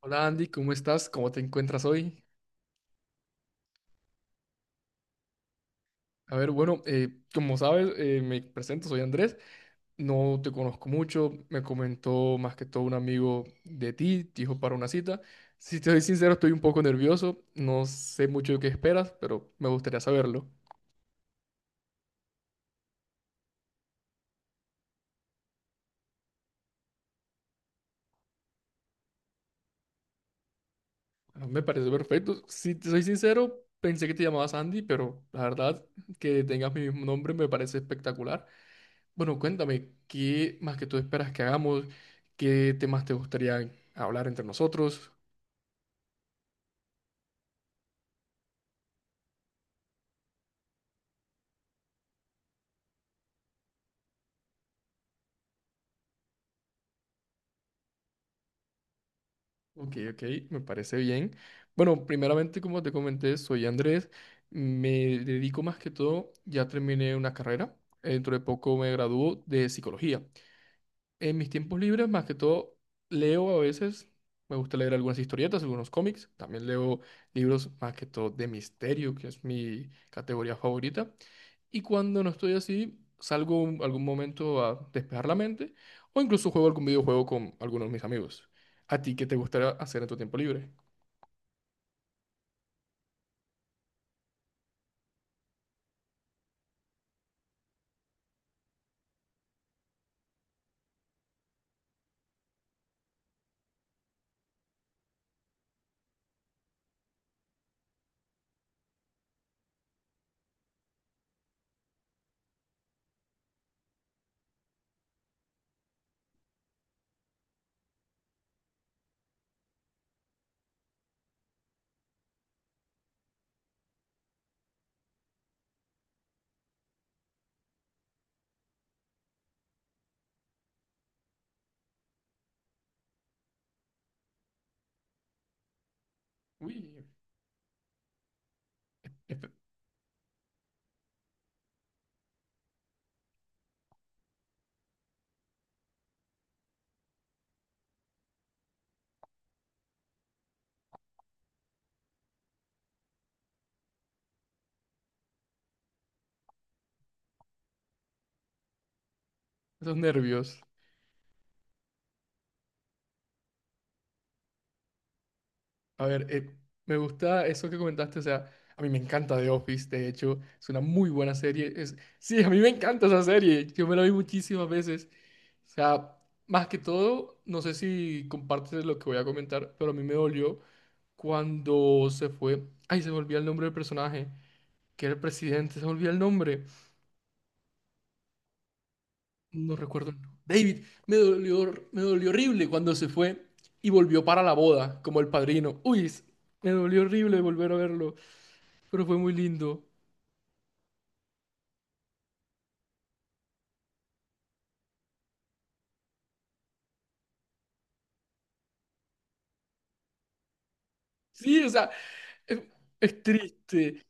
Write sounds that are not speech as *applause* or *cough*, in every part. Hola Andy, ¿cómo estás? ¿Cómo te encuentras hoy? A ver, bueno, como sabes, me presento, soy Andrés, no te conozco mucho, me comentó más que todo un amigo de ti, te dijo para una cita. Si te soy sincero, estoy un poco nervioso, no sé mucho de qué esperas, pero me gustaría saberlo. Ah, me parece perfecto. Si te soy sincero, pensé que te llamabas Andy, pero la verdad que tengas mi mismo nombre me parece espectacular. Bueno, cuéntame, ¿qué más que tú esperas que hagamos? ¿Qué temas te gustaría hablar entre nosotros? Ok, ok, me parece bien. Bueno, primeramente, como te comenté, soy Andrés. Me dedico más que todo, ya terminé una carrera. Dentro de poco me gradúo de psicología. En mis tiempos libres, más que todo, leo a veces. Me gusta leer algunas historietas, algunos cómics. También leo libros más que todo de misterio, que es mi categoría favorita. Y cuando no estoy así, algún momento a despejar la mente o incluso juego algún videojuego con algunos de mis amigos. ¿A ti qué te gustaría hacer en tu tiempo libre? Uy, espe- esos nervios. A ver, me gusta eso que comentaste, o sea, a mí me encanta The Office, de hecho, es una muy buena serie. Sí, a mí me encanta esa serie, yo me la vi muchísimas veces. O sea, más que todo, no sé si compartes lo que voy a comentar, pero a mí me dolió cuando se fue, ay, se me el nombre del personaje, que era el presidente, se me el nombre, no recuerdo el nombre. David, me dolió horrible cuando se fue y volvió para la boda, como el padrino. Me dolió horrible volver a verlo. Pero fue muy lindo. Sí, o sea, es, es triste.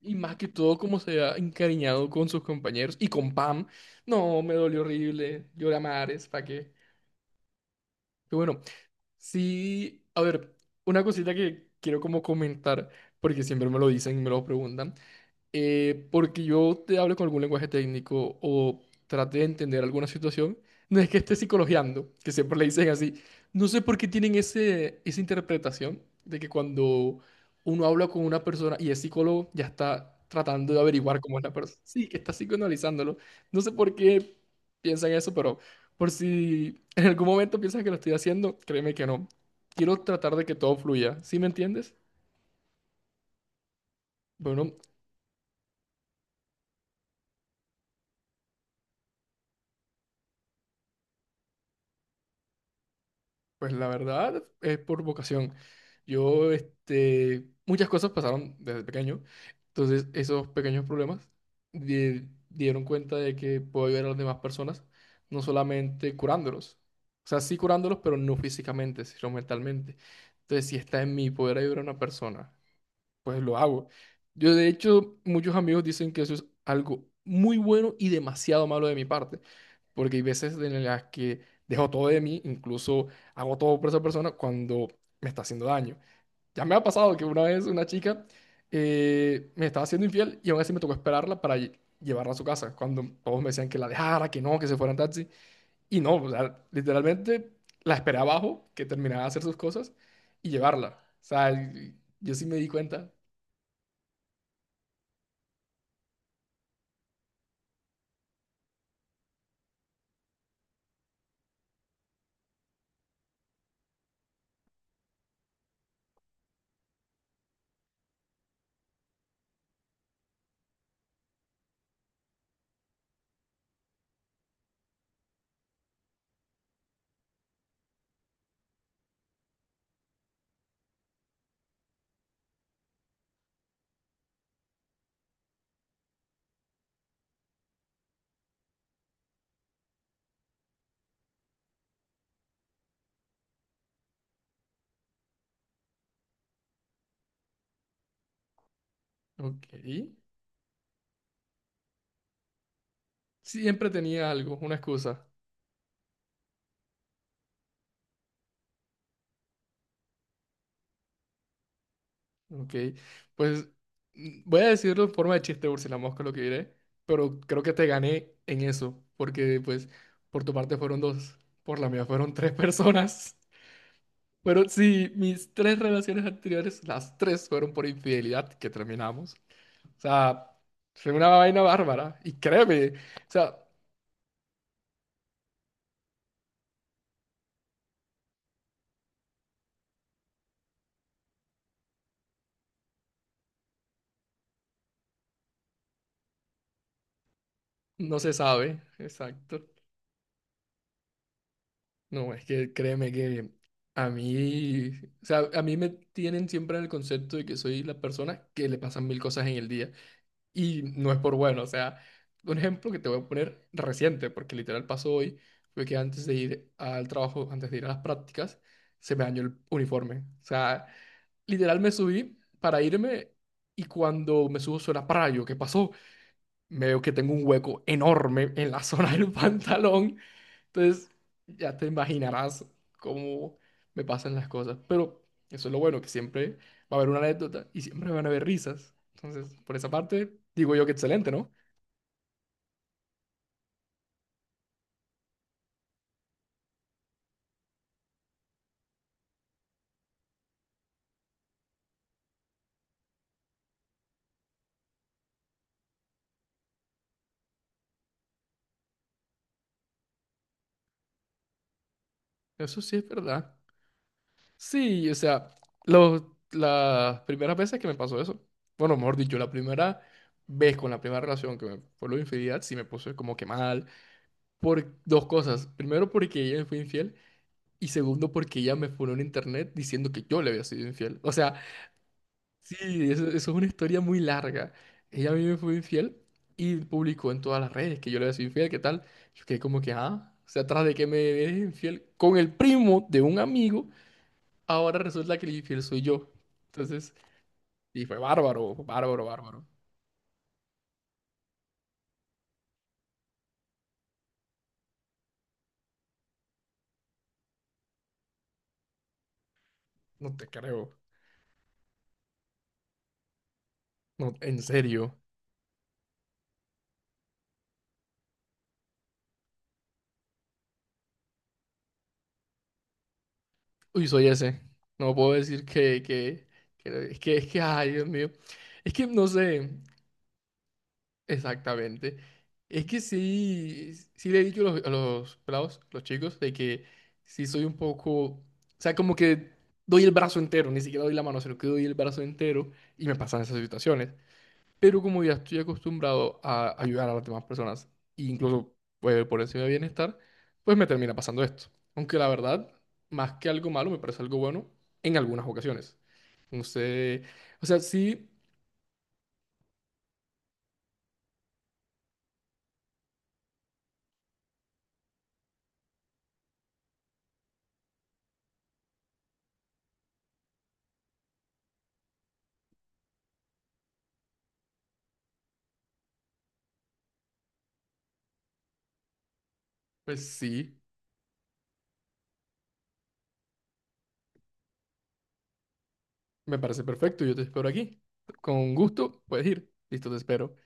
Y más que todo, como se ha encariñado con sus compañeros y con Pam. No, me dolió horrible. Lloré a mares, ¿para qué? Pero bueno, sí. A ver, una cosita que quiero como comentar, porque siempre me lo dicen y me lo preguntan. Porque yo te hablo con algún lenguaje técnico o trate de entender alguna situación, no es que esté psicologiando, que siempre le dicen así. No sé por qué tienen esa interpretación de que cuando uno habla con una persona y es psicólogo, ya está tratando de averiguar cómo es la persona. *laughs* Sí, que está psicoanalizándolo. No sé por qué piensan eso, pero por si en algún momento piensan que lo estoy haciendo, créeme que no. Quiero tratar de que todo fluya. ¿Sí me entiendes? Bueno, pues la verdad es por vocación. Yo, este, muchas cosas pasaron desde pequeño. Entonces, esos pequeños problemas dieron cuenta de que puedo ayudar a las demás personas, no solamente curándolos. O sea, sí curándolos, pero no físicamente, sino mentalmente. Entonces, si está en mi poder ayudar a una persona pues lo hago. Yo, de hecho, muchos amigos dicen que eso es algo muy bueno y demasiado malo de mi parte, porque hay veces en las que dejo todo de mí, incluso hago todo por esa persona cuando me está haciendo daño. Ya me ha pasado que una vez una chica me estaba haciendo infiel y aún así me tocó esperarla para llevarla a su casa, cuando todos me decían que la dejara, que no, que se fuera en taxi. Y no, o sea, literalmente la esperé abajo, que terminara de hacer sus cosas y llevarla. O sea, yo sí me di cuenta. Ok. Siempre tenía algo, una excusa. Ok. Pues mm, voy a decirlo en forma de chiste, Úrsula Mosca, lo que diré, pero creo que te gané en eso, porque pues por tu parte fueron dos, por la mía fueron *laughs* tres personas. Pero sí, mis tres relaciones anteriores, las tres fueron por infidelidad que terminamos. O sea, fue una vaina bárbara. Y créeme, o sea, no se sabe, exacto. No, es que créeme que a mí, o sea, a mí me tienen siempre en el concepto de que soy la persona que le pasan mil cosas en el día. Y no es por bueno, o sea, un ejemplo que te voy a poner reciente, porque literal pasó hoy, fue que antes de ir al trabajo, antes de ir a las prácticas, se me dañó el uniforme. O sea, literal me subí para irme y cuando me subo suena para yo, ¿qué pasó? Me veo que tengo un hueco enorme en la zona del *laughs* pantalón. Entonces, ya te imaginarás cómo me pasan las cosas. Pero eso es lo bueno, que siempre va a haber una anécdota y siempre van a haber risas. Entonces, por esa parte, digo yo que excelente, ¿no? Eso sí es verdad. Sí, o sea, las primeras veces que me pasó eso, bueno, mejor dicho, la primera vez con la primera relación que me fue lo de infidelidad, sí me puse como que mal. Por dos cosas. Primero, porque ella me fue infiel. Y segundo, porque ella me fue en internet diciendo que yo le había sido infiel. O sea, sí, eso es una historia muy larga. Ella a mí me fue infiel y publicó en todas las redes que yo le había sido infiel, ¿qué tal? Yo quedé como que, ah, o sea, tras de que me eres infiel con el primo de un amigo, ahora resulta que el infiel soy yo. Entonces, y fue bárbaro, bárbaro, bárbaro. No te creo, no, en serio. Uy, soy ese. No puedo decir que, es que, ay, Dios mío. Es que, no sé, exactamente. Es que sí, sí le he dicho a a los pelados, los chicos, de que sí soy un poco, o sea, como que doy el brazo entero, ni siquiera doy la mano, sino que doy el brazo entero y me pasan esas situaciones. Pero como ya estoy acostumbrado a ayudar a las demás personas, e incluso pues, por encima de bienestar, pues me termina pasando esto. Aunque la verdad, más que algo malo, me parece algo bueno en algunas ocasiones. Entonces, o sea, sí, pues sí. Me parece perfecto, yo te espero aquí. Con gusto, puedes ir. Listo, te espero.